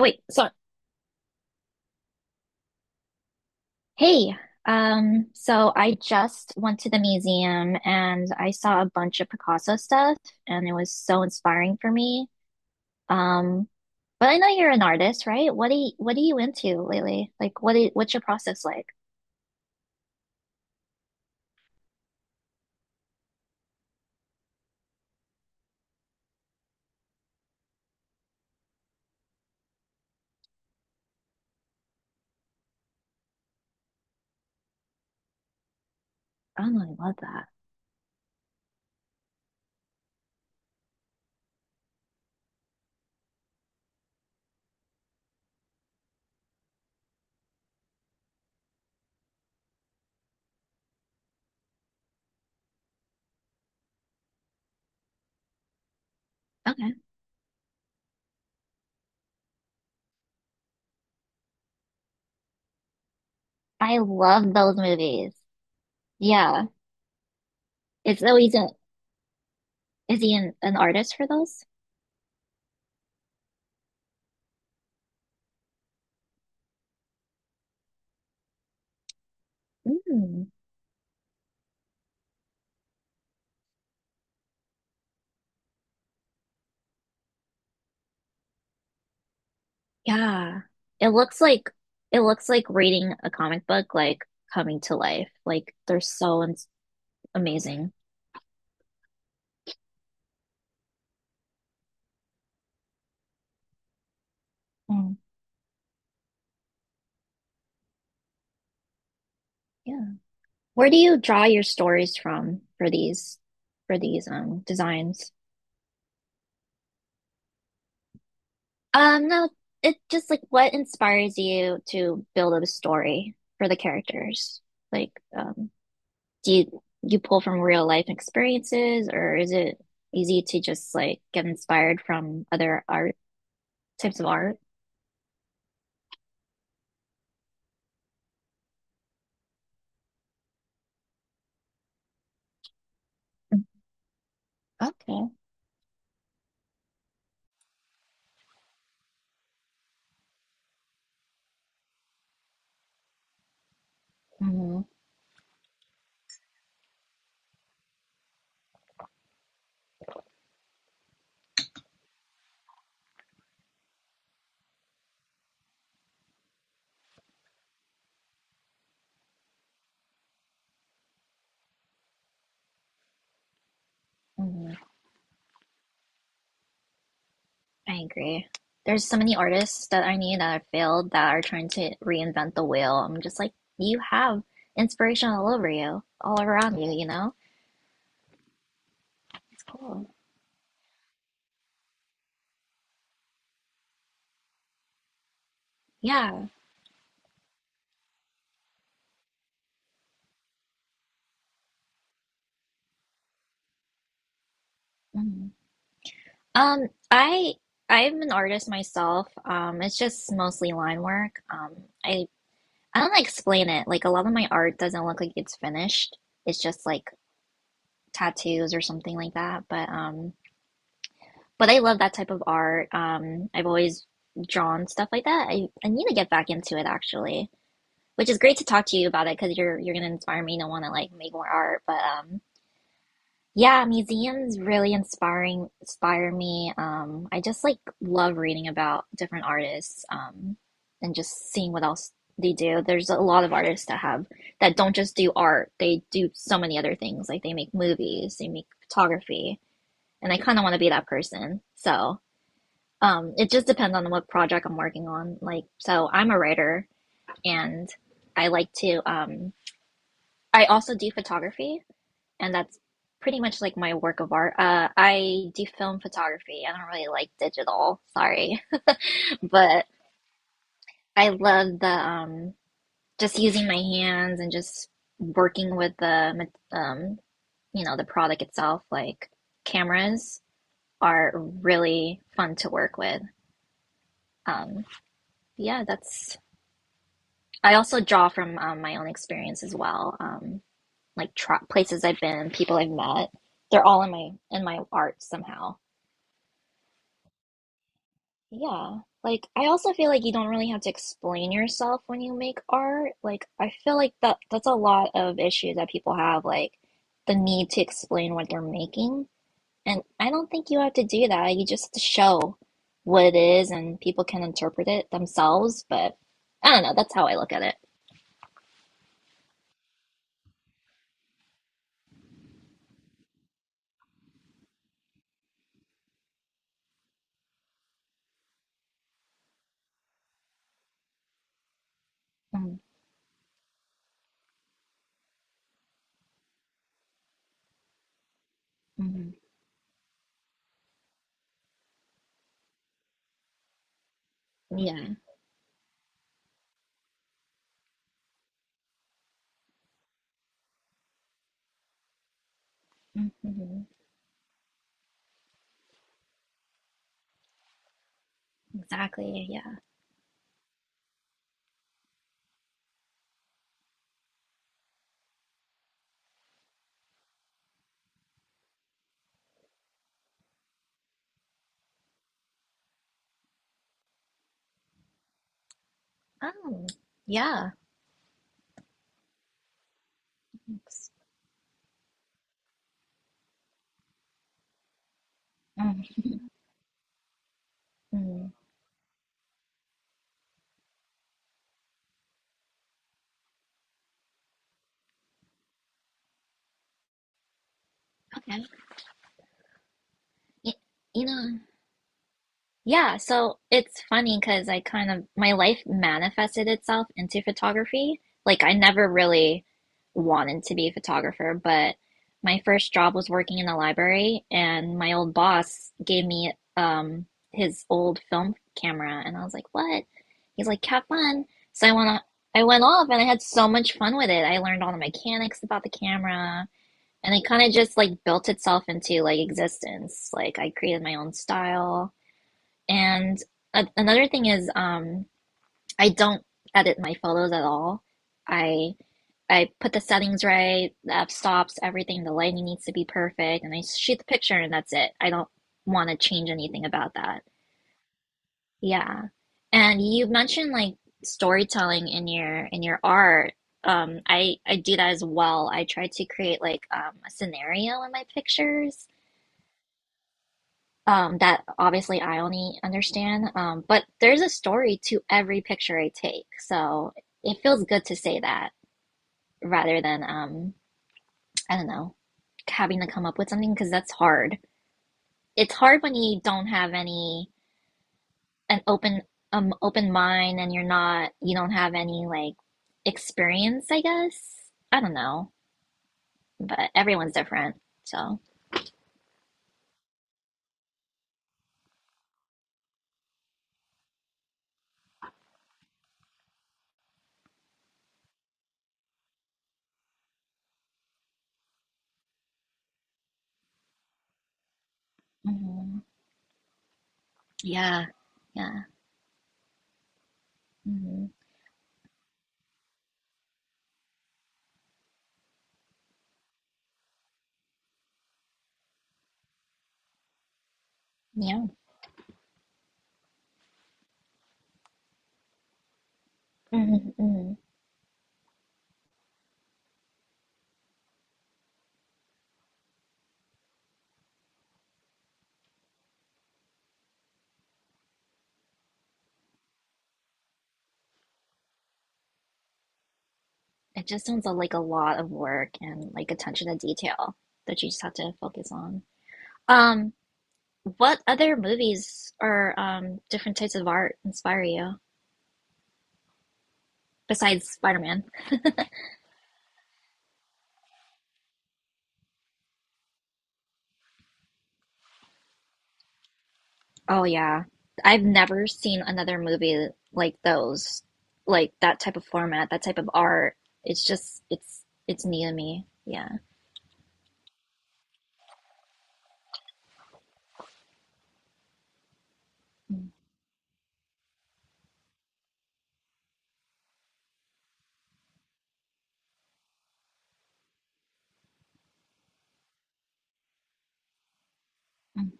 Wait, hey, so I just went to the museum and I saw a bunch of Picasso stuff, and it was so inspiring for me. Um, but I know you're an artist, right? What are you into lately? What's your process like? Oh, I love that. Okay. I love those movies. Yeah. Is oh, he's a, is he an artist for those? Mm. Yeah. It looks like it looks like reading a comic book like coming to life. Like they're so ins amazing. Mm, yeah. Where do you draw your stories from for these designs? No, it just like, what inspires you to build up a story for the characters? Like, do you pull from real life experiences, or is it easy to just like get inspired from other art types of art? Okay. Mhm. Mhm. I agree. There's so many artists that I knew that have failed that are trying to reinvent the wheel. I'm just like, you have inspiration all over you, all around you, you know? It's cool. Yeah. Mhm. Um, I I'm an artist myself. It's just mostly line work. I don't know how to explain it. Like, a lot of my art doesn't look like it's finished. It's just like tattoos or something like that. But I love that type of art. I've always drawn stuff like that. I need to get back into it actually, which is great to talk to you about it because you're gonna inspire me to want to like make more art. But Yeah, museums really inspiring inspire me. I just like love reading about different artists, and just seeing what else they do. There's a lot of artists that have that don't just do art. They do so many other things. Like, they make movies, they make photography, and I kind of want to be that person. So. It just depends on what project I'm working on. Like, so I'm a writer, and I like to, I also do photography, and that's pretty much like my work of art. I do film photography. I don't really like digital, sorry, but I love the, just using my hands and just working with the, um, you know, the product itself. Like, cameras are really fun to work with. Um, yeah, that's I also draw from, my own experience as well. Like, places I've been, people I've met, they're all in my art somehow. Yeah. Like, I also feel like you don't really have to explain yourself when you make art. Like, I feel like that's a lot of issues that people have, like the need to explain what they're making. And I don't think you have to do that. You just have to show what it is and people can interpret it themselves, but I don't know, that's how I look at it. Mm-hmm. Mm-hmm. Yeah. Mm-hmm. Exactly. Yeah. Oh, yeah. Thanks. Mm. Mm. Okay. Y you know, Yeah, so it's funny because I kind of, my life manifested itself into photography. Like, I never really wanted to be a photographer, but my first job was working in a library, and my old boss gave me, his old film camera, and I was like, "What?" He's like, "Have fun." So I went on, I went off, and I had so much fun with it. I learned all the mechanics about the camera, and it kind of just like built itself into like existence. Like, I created my own style. And a another thing is, I don't edit my photos at all. I I put the settings right, the f stops, everything. The lighting needs to be perfect, and I shoot the picture, and that's it. I don't want to change anything about that. Yeah. And you mentioned like storytelling in your art. I do that as well. I try to create like, a scenario in my pictures, that obviously I only understand. But there's a story to every picture I take, so it feels good to say that rather than, I don't know having to come up with something because that's hard. It's hard when you don't have any an open mind, and you don't have any like experience. I guess I don't know, but everyone's different. So mhm, yeah, yeah, mhm, yeah. Hmm. It just sounds like a lot of work and like attention to detail that you just have to focus on. Um, what other movies or, um, different types of art inspire you besides Spider-Man? Oh yeah. I've never seen another movie like those, like that type of format, that type of art. It's just, it's new to me. Yeah. Mm, mm,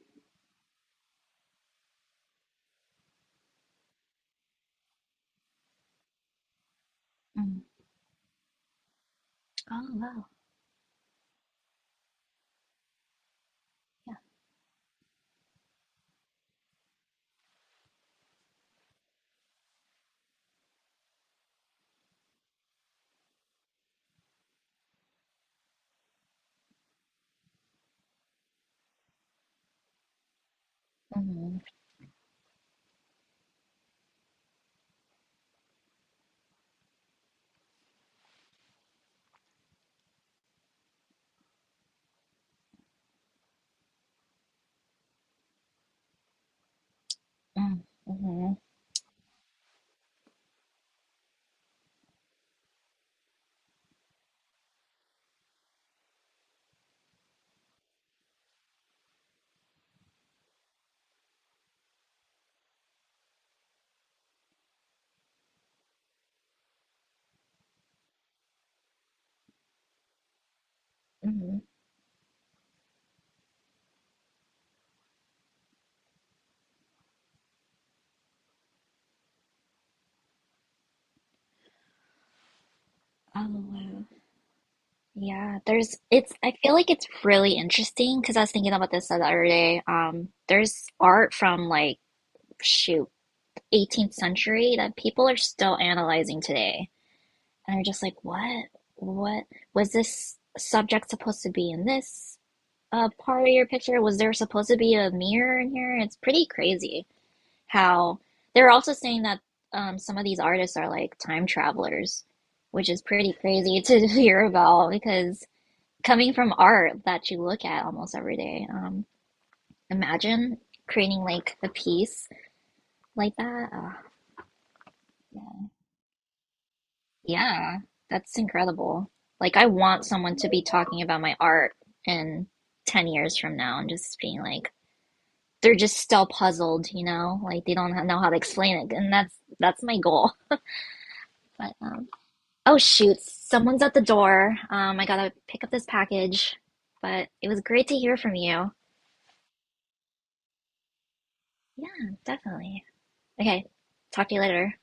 mm. Oh wow. Yeah. Mm, mm, mm, mm. Oh wow. Yeah, there's, it's I feel like it's really interesting because I was thinking about this the other day. There's art from like, shoot, 18th century that people are still analyzing today. And they're just like, what? What was this subject supposed to be in this part of your picture? Was there supposed to be a mirror in here? It's pretty crazy how they're also saying that, um, some of these artists are like time travelers, which is pretty crazy to hear about because coming from art that you look at almost every day. Imagine creating like a piece like that. Yeah, that's incredible. Like, I want someone to be talking about my art in 10 years from now and just being like, they're just still puzzled, you know? Like, they don't know how to explain it. And that's my goal. But, oh, shoot, someone's at the door. I gotta pick up this package. But it was great to hear from you. Yeah, definitely. Okay, talk to you later.